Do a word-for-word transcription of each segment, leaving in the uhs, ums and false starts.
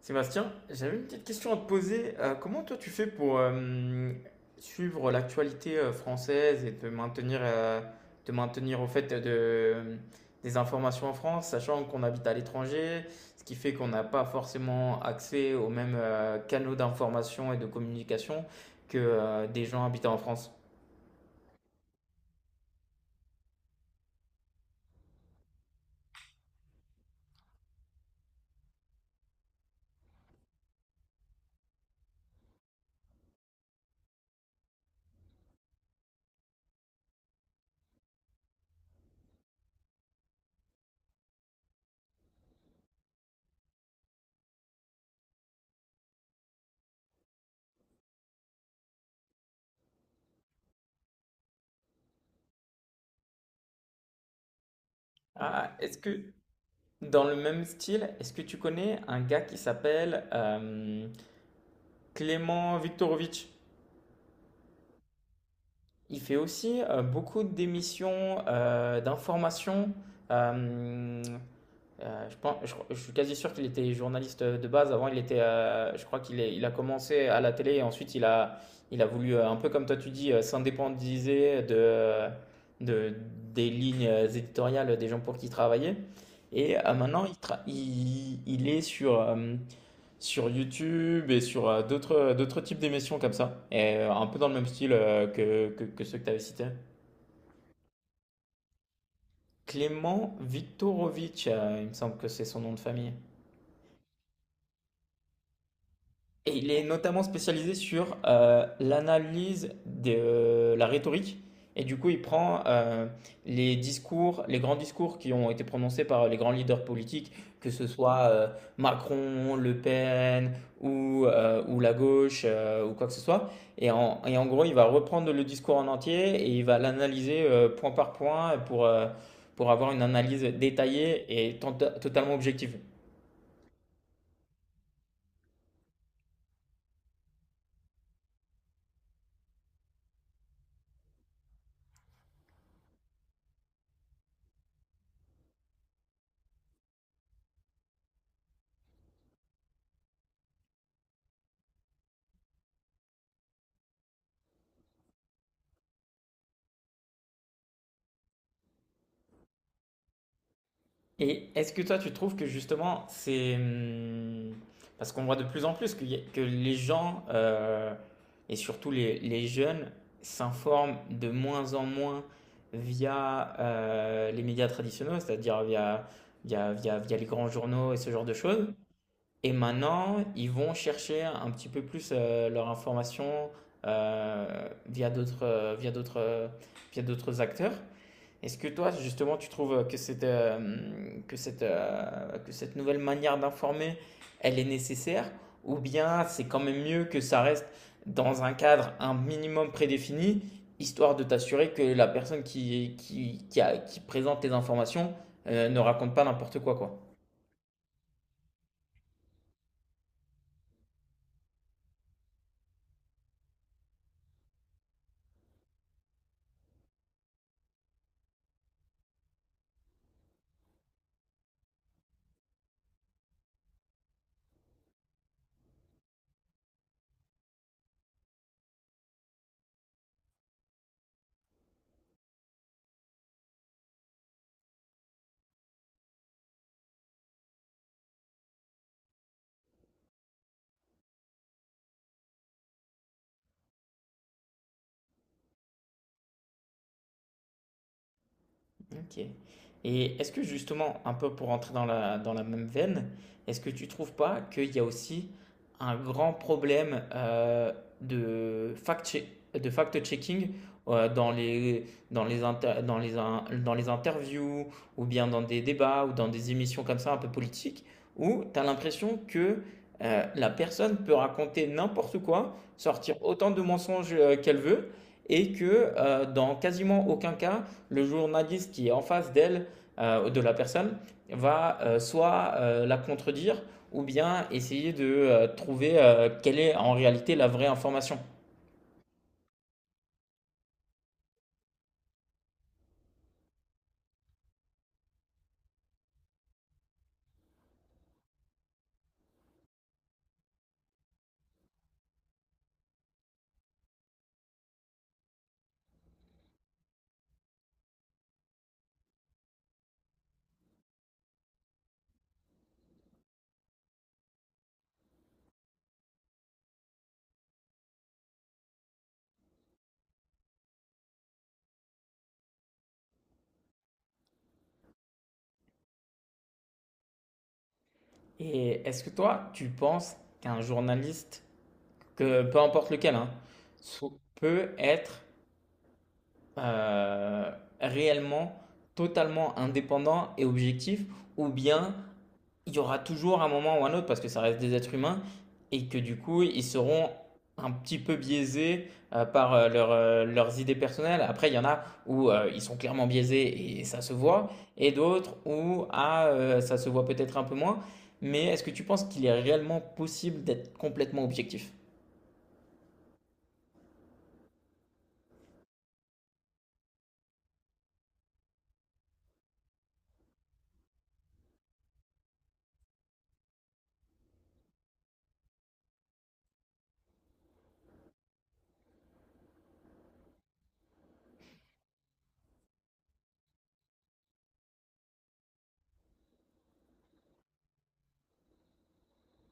Sébastien, j'avais une petite question à te poser. Euh, comment toi tu fais pour euh, suivre l'actualité euh, française et te maintenir, euh, te maintenir au fait de, des informations en France, sachant qu'on habite à l'étranger, ce qui fait qu'on n'a pas forcément accès aux mêmes euh, canaux d'information et de communication que euh, des gens habitant en France? Ah, est-ce que dans le même style, est-ce que tu connais un gars qui s'appelle euh, Clément Viktorovitch? Il fait aussi euh, beaucoup d'émissions, euh, d'informations. Euh, euh, je pense, je, je suis quasi sûr qu'il était journaliste de base. Avant, il était, euh, je crois qu'il est- il a commencé à la télé et ensuite il a, il a voulu, euh, un peu comme toi tu dis, euh, s'indépendiser de, de, des lignes éditoriales des gens pour qui il travaillait. Et euh, maintenant, il, tra- il, il est sur, euh, sur YouTube et sur euh, d'autres euh, d'autres types d'émissions comme ça, et euh, un peu dans le même style euh, que, que, que ceux que tu avais cités. Clément Viktorovitch, euh, il me semble que c'est son nom de famille. Et il est notamment spécialisé sur euh, l'analyse de euh, la rhétorique. Et du coup, il prend euh, les discours, les grands discours qui ont été prononcés par les grands leaders politiques, que ce soit euh, Macron, Le Pen ou, euh, ou la gauche euh, ou quoi que ce soit. Et en, et en gros, il va reprendre le discours en entier et il va l'analyser euh, point par point pour, euh, pour avoir une analyse détaillée et tenta- totalement objective. Et est-ce que toi, tu trouves que justement, c'est... hum, parce qu'on voit de plus en plus qu'il y a- que les gens, euh, et surtout les, les jeunes, s'informent de moins en moins via euh, les médias traditionnels, c'est-à-dire via, via, via, via les grands journaux et ce genre de choses. Et maintenant, ils vont chercher un petit peu plus euh, leur information euh, via d'autres, euh, via d'autres, euh, via d'autres acteurs. Est-ce que toi, justement, tu trouves que cette, euh, que cette, euh, que cette nouvelle manière d'informer, elle est nécessaire? Ou bien c'est quand même mieux que ça reste dans un cadre un minimum prédéfini, histoire de t'assurer que la personne qui, qui, qui, a- qui présente les informations, euh, ne raconte pas n'importe quoi, quoi. OK. Et est-ce que justement, un peu pour entrer dans la, dans la même veine, est-ce que tu trouves pas qu'il y a aussi un grand problème euh, de fact-che- de fact-checking euh, dans les, dans les, inter- dans les, in- dans les interviews ou bien dans des débats ou dans des émissions comme ça un peu politiques où tu as l'impression que euh, la personne peut raconter n'importe quoi, sortir autant de mensonges euh, qu'elle veut et que euh, dans quasiment aucun cas, le journaliste qui est en face d'elle, euh, de la personne, va euh, soit euh, la contredire ou bien essayer de euh, trouver euh, quelle est en réalité la vraie information. Et est-ce que toi, tu penses qu'un journaliste, que peu importe lequel, hein, so- peut être euh, réellement totalement indépendant et objectif, ou bien il y aura toujours un moment ou un autre, parce que ça reste des êtres humains, et que du coup, ils seront un petit peu biaisés euh, par euh, leur, euh, leurs idées personnelles. Après, il y en a où euh, ils sont clairement biaisés et ça se voit, et d'autres où ah, euh, ça se voit peut-être un peu moins. Mais est-ce que tu penses qu'il est réellement possible d'être complètement objectif?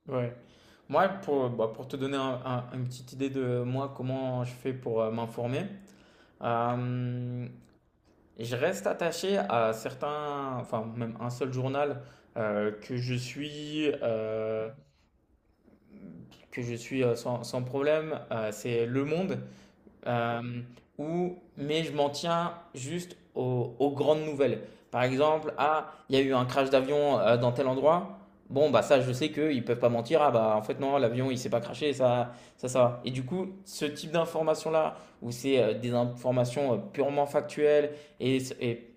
Ouais. Moi, pour, bah, pour te donner un- un- une petite idée de moi, comment je fais pour euh, m'informer, euh, je reste attaché à certains, enfin même un seul journal euh, que je suis, euh, que je suis euh, sans, sans problème, euh, c'est Le Monde, euh, où, mais je m'en tiens juste aux, aux grandes nouvelles. Par exemple, ah, il y a eu un crash d'avion euh, dans tel endroit. Bon, bah ça, je sais qu'ils ne peuvent pas mentir. Ah bah en fait non, l'avion il s'est pas crashé, ça, ça, ça. Va. Et du coup, ce type d'information-là, où c'est euh, des informations euh, purement factuelles et, et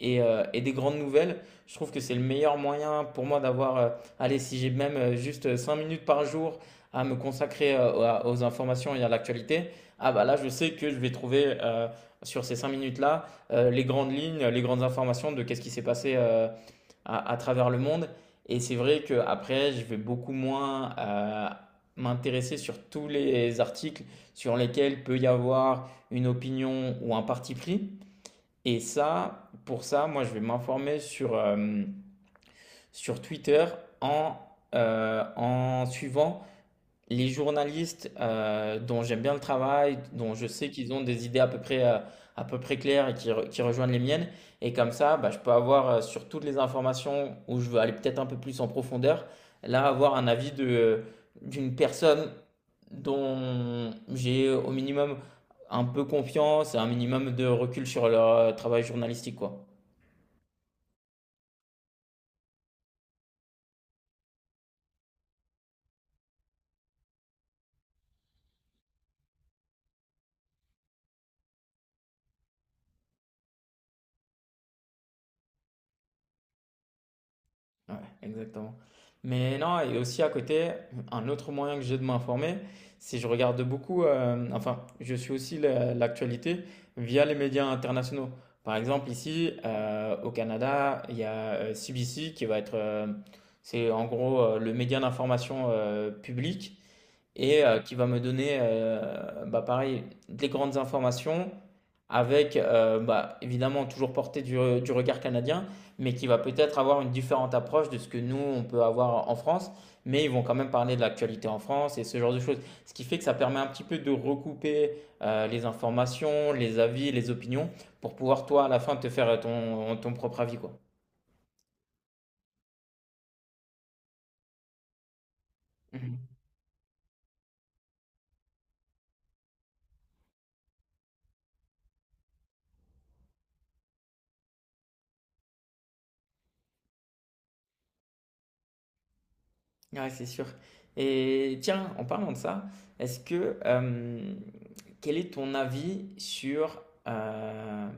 et, euh, et des grandes nouvelles, je trouve que c'est le meilleur moyen pour moi d'avoir, euh, allez, si j'ai même euh, juste cinq minutes par jour à me consacrer euh, aux à- aux informations et à l'actualité, ah bah là, je sais que je vais trouver euh, sur ces cinq minutes-là euh, les grandes lignes, les grandes informations de qu'est-ce qui s'est passé euh, à, à travers le monde. Et c'est vrai qu'après, je vais beaucoup moins euh, m'intéresser sur tous les articles sur lesquels peut y avoir une opinion ou un parti pris. Et ça, pour ça, moi, je vais m'informer sur, euh, sur Twitter en, euh, en suivant les journalistes euh, dont j'aime bien le travail, dont je sais qu'ils ont des idées à peu près, euh, à peu près claires et qui, re- qui rejoignent les miennes. Et comme ça, bah, je peux avoir euh, sur toutes les informations où je veux aller peut-être un peu plus en profondeur, là, avoir un avis de, euh, d'une personne dont j'ai au minimum un peu confiance et un minimum de recul sur leur euh, travail journalistique, quoi. Ouais, exactement. Mais non, et aussi à côté, un autre moyen que j'ai de m'informer, c'est je regarde beaucoup, euh, enfin, je suis aussi la- l'actualité via les médias internationaux. Par exemple, ici, euh, au Canada, il y a euh, C B C qui va être, euh, c'est en gros euh, le média d'information euh, public et euh, qui va me donner, euh, bah, pareil, des grandes informations avec, euh, bah, évidemment, toujours portée du, du regard canadien, mais qui va peut-être avoir une différente approche de ce que nous, on peut avoir en France, mais ils vont quand même parler de l'actualité en France et ce genre de choses. Ce qui fait que ça permet un petit peu de recouper euh, les informations, les avis, les opinions, pour pouvoir, toi, à la fin, te faire ton, ton propre avis, quoi. Mhm. Ouais, c'est sûr. Et tiens, en parlant de ça, est-ce que euh, quel est ton avis sur... euh,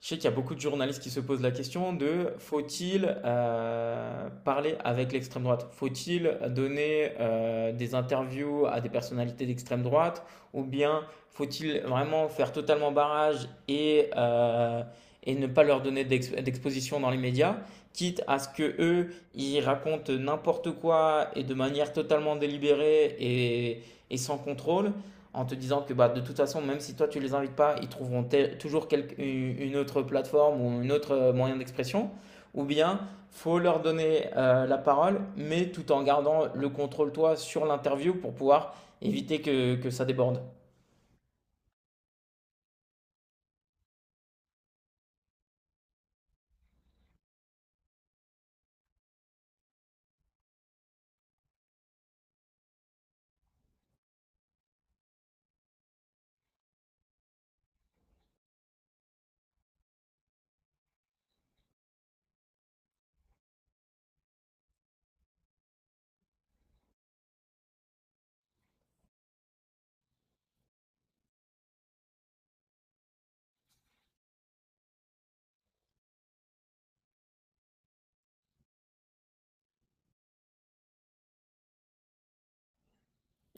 je sais qu'il y a beaucoup de journalistes qui se posent la question de faut-il euh, parler avec l'extrême droite? Faut-il donner euh, des interviews à des personnalités d'extrême droite? Ou bien faut-il vraiment faire totalement barrage et, euh, et ne pas leur donner d'ex- d'exposition dans les médias, quitte à ce que eux, ils racontent n'importe quoi et de manière totalement délibérée et, et sans contrôle? En te disant que bah, de toute façon, même si toi tu les invites pas, ils trouveront tel- toujours quel- une une autre plateforme ou un autre euh, moyen d'expression, ou bien faut leur donner euh, la parole, mais tout en gardant le contrôle toi sur l'interview pour pouvoir éviter que, que ça déborde.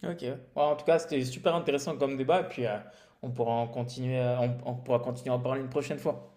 Ok. Ouais, en tout cas, c'était super intéressant comme débat, et puis euh, on pourra en continuer, à- on, on pourra continuer à en parler une prochaine fois.